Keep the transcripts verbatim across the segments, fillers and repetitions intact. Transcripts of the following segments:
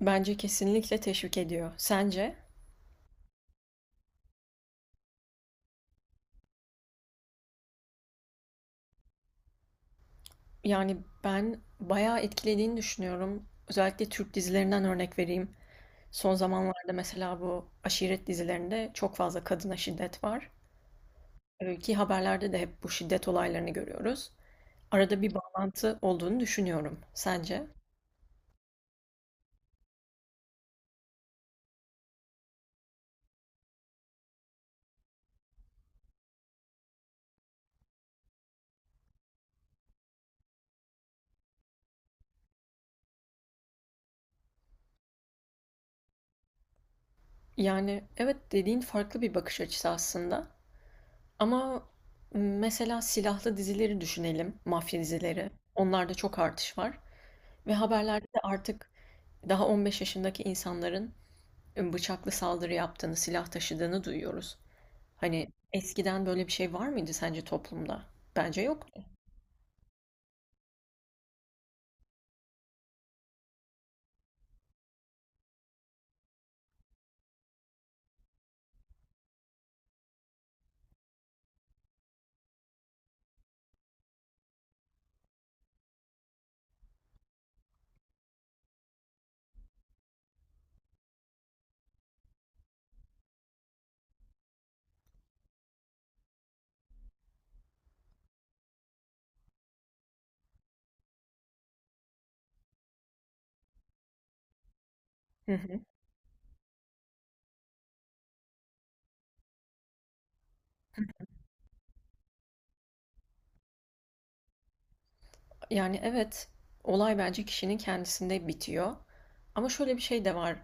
Bence kesinlikle teşvik ediyor. Sence? Yani ben bayağı etkilediğini düşünüyorum. Özellikle Türk dizilerinden örnek vereyim. Son zamanlarda mesela bu aşiret dizilerinde çok fazla kadına şiddet var. Ee, Ki haberlerde de hep bu şiddet olaylarını görüyoruz. Arada bir bağlantı olduğunu düşünüyorum. Sence? Yani evet dediğin farklı bir bakış açısı aslında. Ama m, mesela silahlı dizileri düşünelim, mafya dizileri. Onlarda çok artış var. Ve haberlerde de artık daha on beş yaşındaki insanların ıı, bıçaklı saldırı yaptığını, silah taşıdığını duyuyoruz. Hani eskiden böyle bir şey var mıydı sence toplumda? Bence yoktu. Hı hı. Yani evet, olay bence kişinin kendisinde bitiyor. Ama şöyle bir şey de var.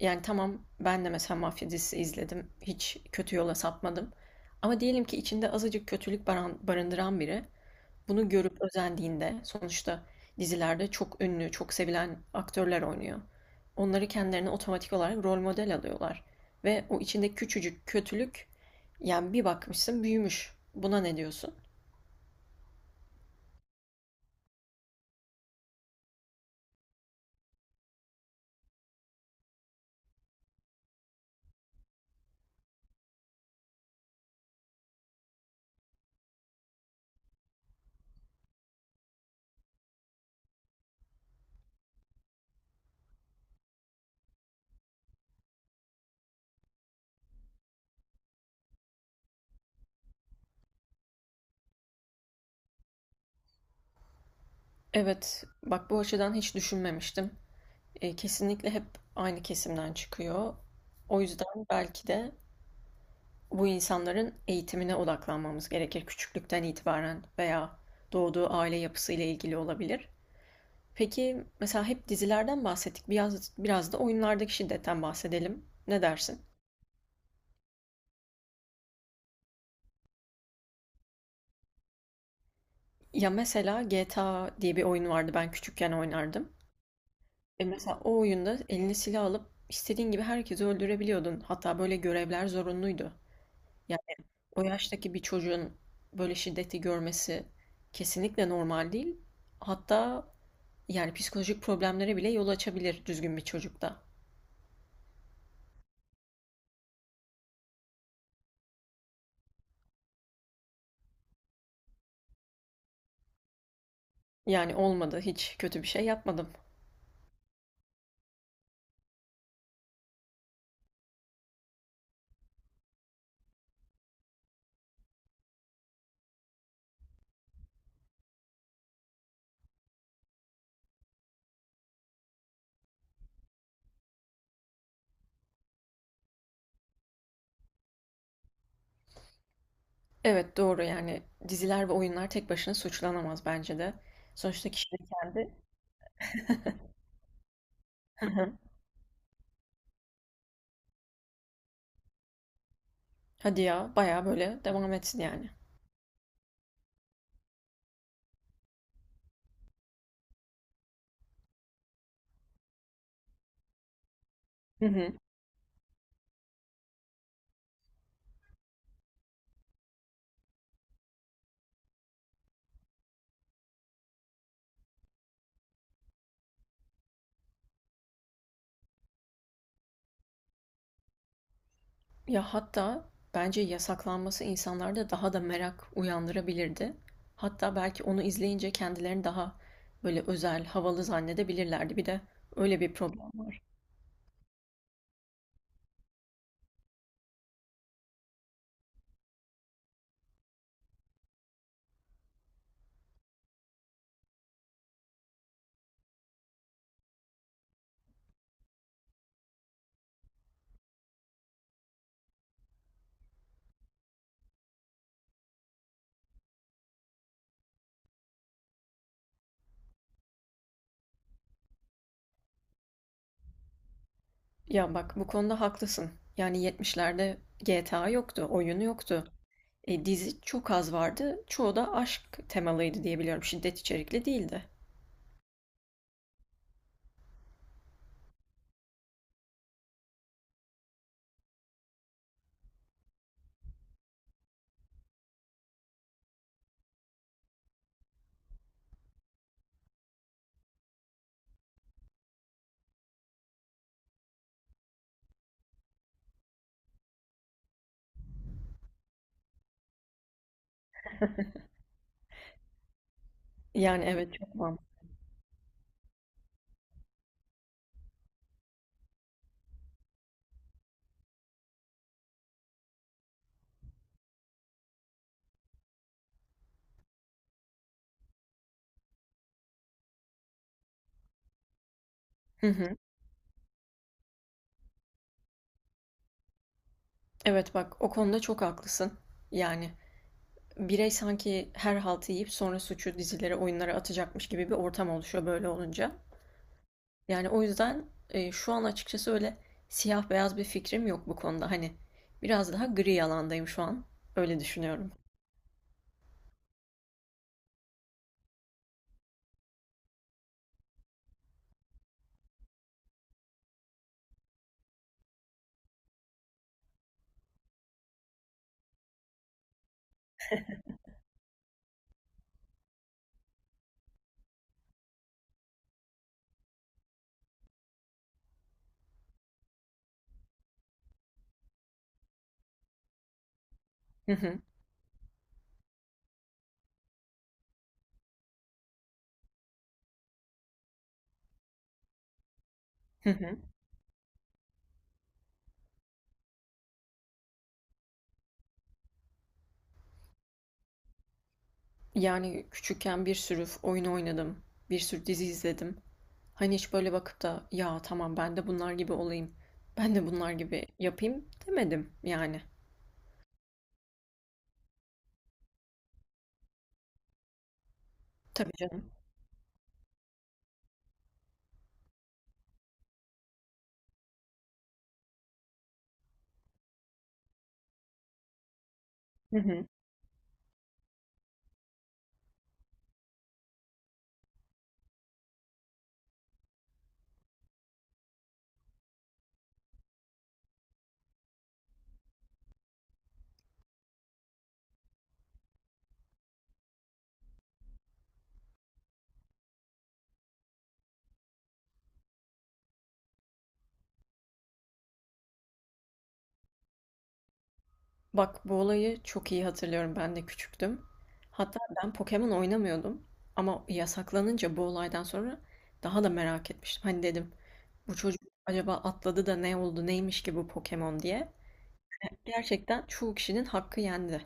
Yani tamam ben de mesela mafya dizisi izledim. Hiç kötü yola sapmadım. Ama diyelim ki içinde azıcık kötülük baran- barındıran biri bunu görüp özendiğinde sonuçta dizilerde çok ünlü, çok sevilen aktörler oynuyor. Onları kendilerine otomatik olarak rol model alıyorlar. Ve o içinde küçücük kötülük yani bir bakmışsın büyümüş. Buna ne diyorsun? Evet, bak bu açıdan hiç düşünmemiştim. E, kesinlikle hep aynı kesimden çıkıyor. O yüzden belki de bu insanların eğitimine odaklanmamız gerekir küçüklükten itibaren veya doğduğu aile yapısıyla ilgili olabilir. Peki mesela hep dizilerden bahsettik. Biraz, biraz da oyunlardaki şiddetten bahsedelim. Ne dersin? Ya mesela G T A diye bir oyun vardı ben küçükken oynardım. E mesela o oyunda eline silah alıp istediğin gibi herkesi öldürebiliyordun. Hatta böyle görevler zorunluydu. Yani o yaştaki bir çocuğun böyle şiddeti görmesi kesinlikle normal değil. Hatta yani psikolojik problemlere bile yol açabilir düzgün bir çocukta. Yani olmadı, hiç kötü bir şey yapmadım. Evet doğru yani diziler ve oyunlar tek başına suçlanamaz bence de. Sonuçta kişi de kendi. Hı hı. Hadi ya bayağı böyle devam etsin yani. Hı hı. Ya hatta bence yasaklanması insanlarda daha da merak uyandırabilirdi. Hatta belki onu izleyince kendilerini daha böyle özel, havalı zannedebilirlerdi. Bir de öyle bir problem var. Ya bak bu konuda haklısın. Yani yetmişlerde G T A yoktu, oyunu yoktu. E, dizi çok az vardı. Çoğu da aşk temalıydı diyebiliyorum. Şiddet içerikli değildi. Yani evet çok var. Hı hı. Evet bak o konuda çok haklısın. Yani birey sanki her haltı yiyip sonra suçu dizilere, oyunlara atacakmış gibi bir ortam oluşuyor böyle olunca. Yani o yüzden e, şu an açıkçası öyle siyah beyaz bir fikrim yok bu konuda. Hani biraz daha gri alandayım şu an. Öyle düşünüyorum. Hı hı. Hı hı. Yani küçükken bir sürü oyun oynadım. Bir sürü dizi izledim. Hani hiç böyle bakıp da ya tamam ben de bunlar gibi olayım. Ben de bunlar gibi yapayım demedim yani. Tabii canım. Hı hı. Bak bu olayı çok iyi hatırlıyorum. Ben de küçüktüm. Hatta ben Pokemon oynamıyordum. Ama yasaklanınca bu olaydan sonra daha da merak etmiştim. Hani dedim bu çocuk acaba atladı da ne oldu neymiş ki bu Pokemon diye. Gerçekten çoğu kişinin hakkı yendi.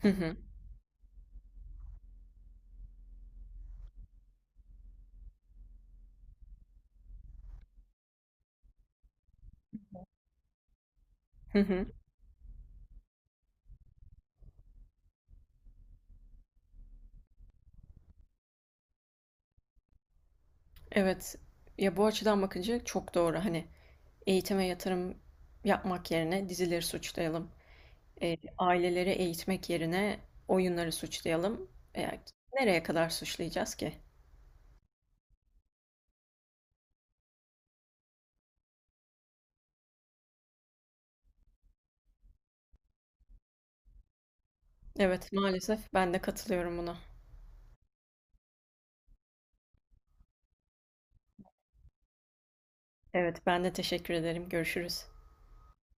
Hı hı. Hı hı. Evet. Ya bu açıdan bakınca çok doğru. Hani eğitime yatırım yapmak yerine dizileri suçlayalım. Eee, aileleri eğitmek yerine oyunları suçlayalım. Eee, nereye kadar suçlayacağız ki? Evet, maalesef ben de katılıyorum buna. Evet, ben de teşekkür ederim. Görüşürüz.